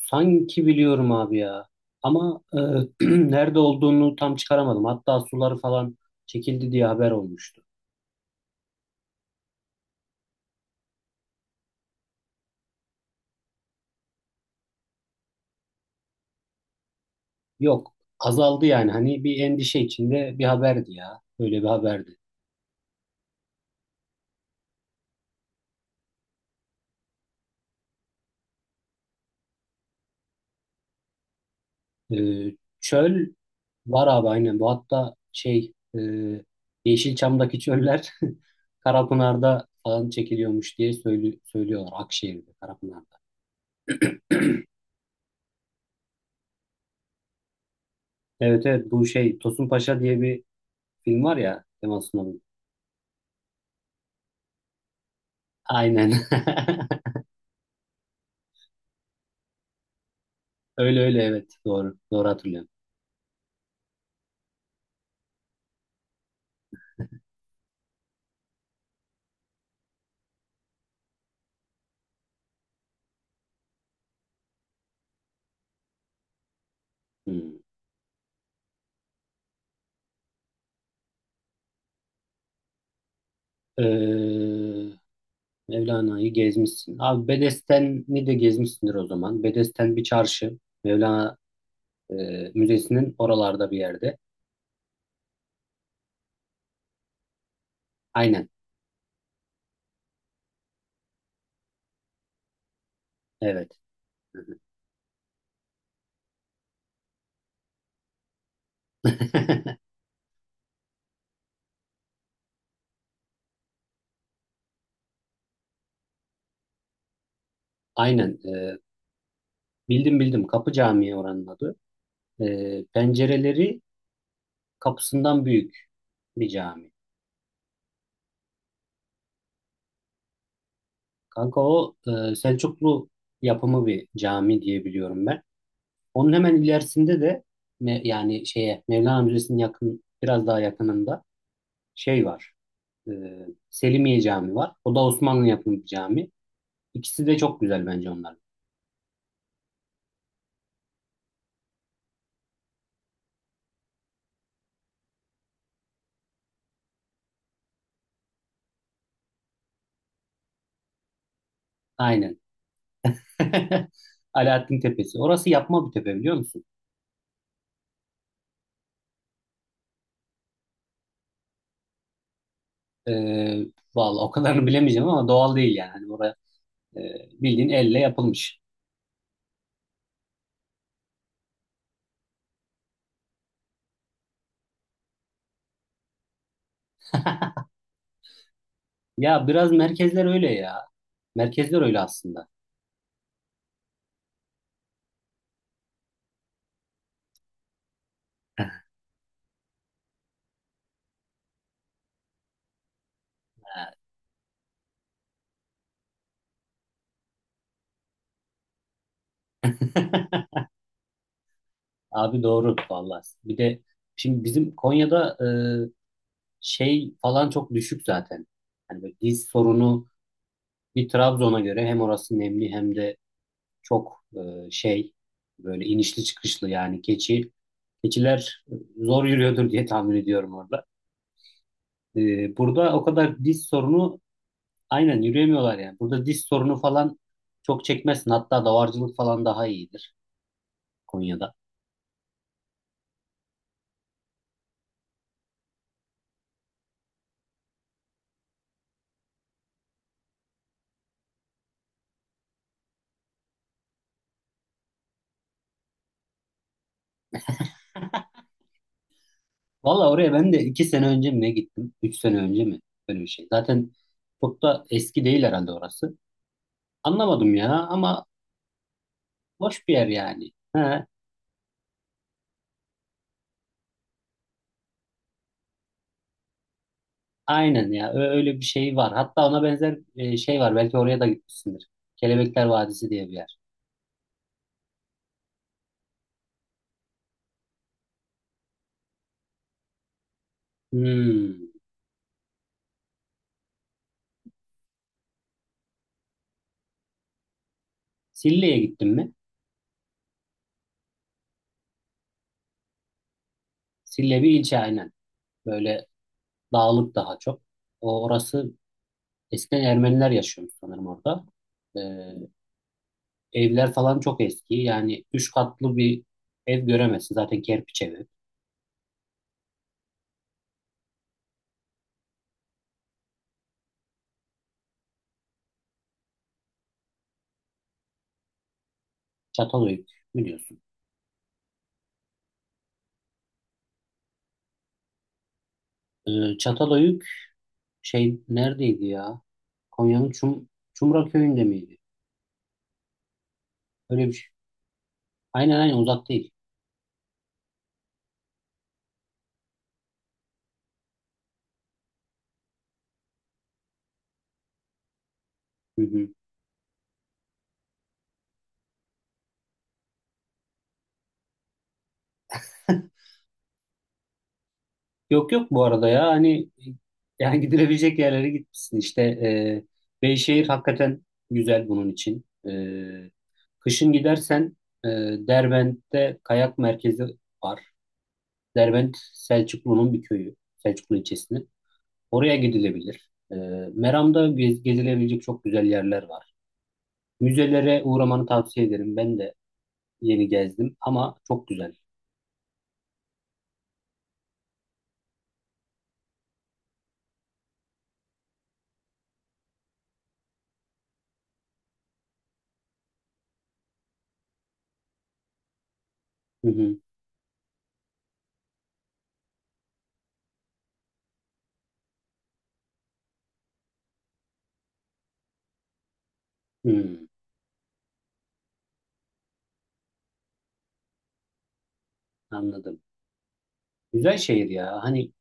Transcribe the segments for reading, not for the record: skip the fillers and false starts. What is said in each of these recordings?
Sanki biliyorum abi ya. Ama e, nerede olduğunu tam çıkaramadım. Hatta suları falan çekildi diye haber olmuştu. Yok, azaldı yani. Hani bir endişe içinde bir haberdi ya. Böyle bir haberdi. Çöl var abi aynen. Bu hatta şey e, Yeşilçam'daki çöller Karapınar'da falan çekiliyormuş diye söylüyorlar. Akşehir'de, Karapınar'da. Evet evet, bu şey Tosun Paşa diye bir film var ya, Kemal Sunal'ın. Aynen. Öyle öyle, evet doğru. Doğru hatırlıyorum. Hmm. Ee, Mevlana'yı gezmişsin. Abi Bedesten'i de gezmişsindir o zaman. Bedesten bir çarşı. Mevlana Müzesi'nin oralarda bir yerde. Aynen. Evet. Aynen. Bildim bildim. Kapı Camii oranın adı. Pencereleri kapısından büyük bir cami. Kanka o Selçuklu yapımı bir cami diye biliyorum ben. Onun hemen ilerisinde de yani şeye, Mevlana Müzesi'nin yakın biraz daha yakınında şey var. E, Selimiye Camii var. O da Osmanlı yapımı bir cami. İkisi de çok güzel bence onlar. Aynen. Alaaddin Tepesi. Orası yapma bir tepe, biliyor musun? E, Vallahi o kadarını bilemeyeceğim ama doğal değil yani. Hani oraya e, bildiğin elle yapılmış. Ya biraz merkezler öyle ya. Merkezler öyle aslında. Abi doğru vallahi. Bir de şimdi bizim Konya'da şey falan çok düşük zaten. Hani böyle diz sorunu bir Trabzon'a göre, hem orası nemli hem de çok şey, böyle inişli çıkışlı yani, keçiler zor yürüyordur diye tahmin ediyorum orada. Burada o kadar diz sorunu, aynen yürüyemiyorlar yani. Burada diz sorunu falan çok çekmezsin. Hatta davarcılık falan daha iyidir Konya'da. Valla oraya ben de 2 sene önce mi ne gittim? 3 sene önce mi? Böyle bir şey. Zaten çok da eski değil herhalde orası. Anlamadım ya ama boş bir yer yani. Ha, aynen ya. Öyle bir şey var. Hatta ona benzer şey var. Belki oraya da gitmişsindir. Kelebekler Vadisi diye bir yer. Hmm. Sille'ye gittin mi? Sille bir ilçe aynen. Böyle dağlık daha çok. Orası eskiden Ermeniler yaşıyormuş sanırım orada. Ee, Evler falan çok eski. Yani 3 katlı bir ev göremezsin. Zaten kerpiç evi. Çatalhöyük biliyorsun. Çatalhöyük şey neredeydi ya? Konya'nın Çumra köyünde miydi? Öyle bir şey. Aynen aynen, uzak değil. Hı hı. Yok yok, bu arada ya hani, yani gidilebilecek yerlere gitmişsin işte. Beyşehir hakikaten güzel bunun için. Kışın gidersen e, Derbent'te kayak merkezi var. Derbent Selçuklu'nun bir köyü, Selçuklu ilçesinin. Oraya gidilebilir. Meram'da gezilebilecek çok güzel yerler var. Müzelere uğramanı tavsiye ederim. Ben de yeni gezdim ama çok güzel. Hı hı. Hı, anladım. Güzel şehir ya. Hani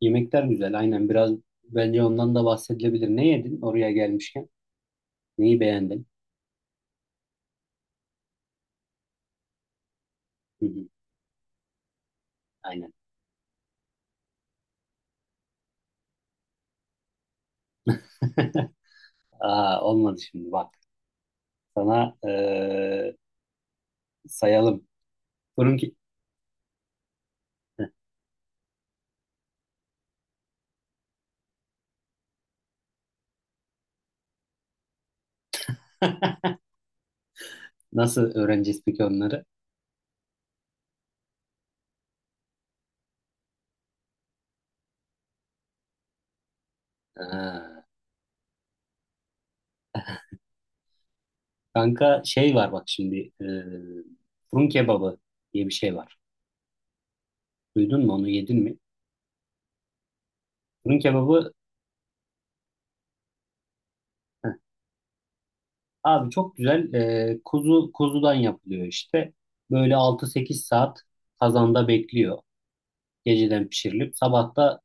yemekler güzel. Aynen, biraz bence ondan da bahsedilebilir. Ne yedin oraya gelmişken? Neyi beğendin? Hı hı, aynen. Aa, olmadı şimdi bak. Sana sayalım. Durun ki nasıl öğreneceğiz peki onları? Aa, kanka şey var bak şimdi. Fırın kebabı diye bir şey var. Duydun mu, onu yedin mi? Fırın kebabı. Abi çok güzel, kuzudan yapılıyor işte. Böyle 6-8 saat kazanda bekliyor. Geceden pişirilip sabah da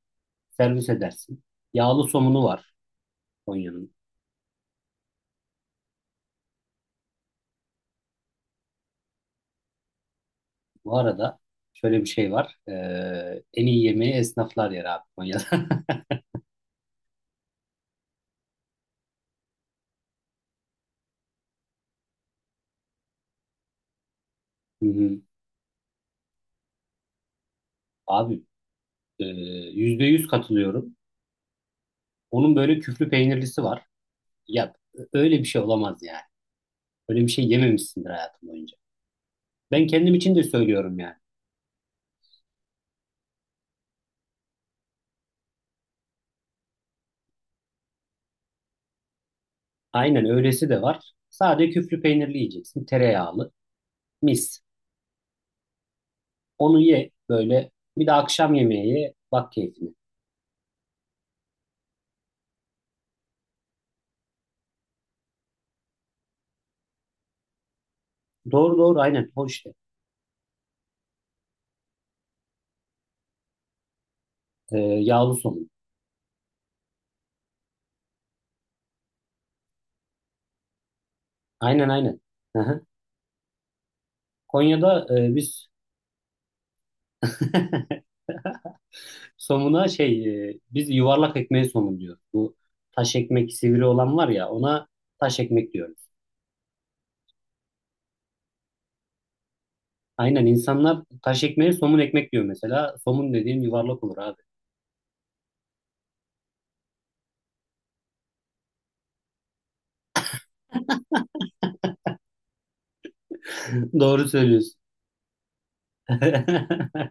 servis edersin. Yağlı somunu var Konya'nın. Bu arada şöyle bir şey var. En iyi yemeği esnaflar yer abi Konya'da. Hı hı. Abi, e, %100 katılıyorum. Onun böyle küflü peynirlisi var. Ya öyle bir şey olamaz yani. Öyle bir şey yememişsindir hayatım boyunca. Ben kendim için de söylüyorum yani. Aynen, öylesi de var. Sadece küflü peynirli yiyeceksin. Tereyağlı. Mis. Onu ye böyle. Bir de akşam yemeği ye. Bak keyfine. Doğru doğru aynen. O işte. Yağlı somun. Aynen aynen. Hı hı. Konya'da biz somuna şey, biz yuvarlak ekmeğe somun diyoruz. Bu taş ekmek, sivri olan var ya, ona taş ekmek diyoruz. Aynen, insanlar taş ekmeğe somun ekmek diyor mesela. Somun dediğin yuvarlak olur abi. Doğru söylüyorsun.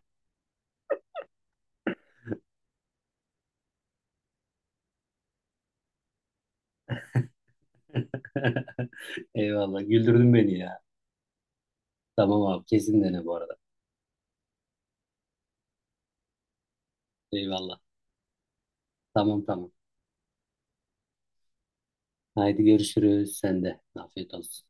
Eyvallah. Güldürdün beni ya. Tamam abi. Kesin dene bu arada. Eyvallah. Tamam tamam. Haydi görüşürüz. Sen de. Afiyet olsun.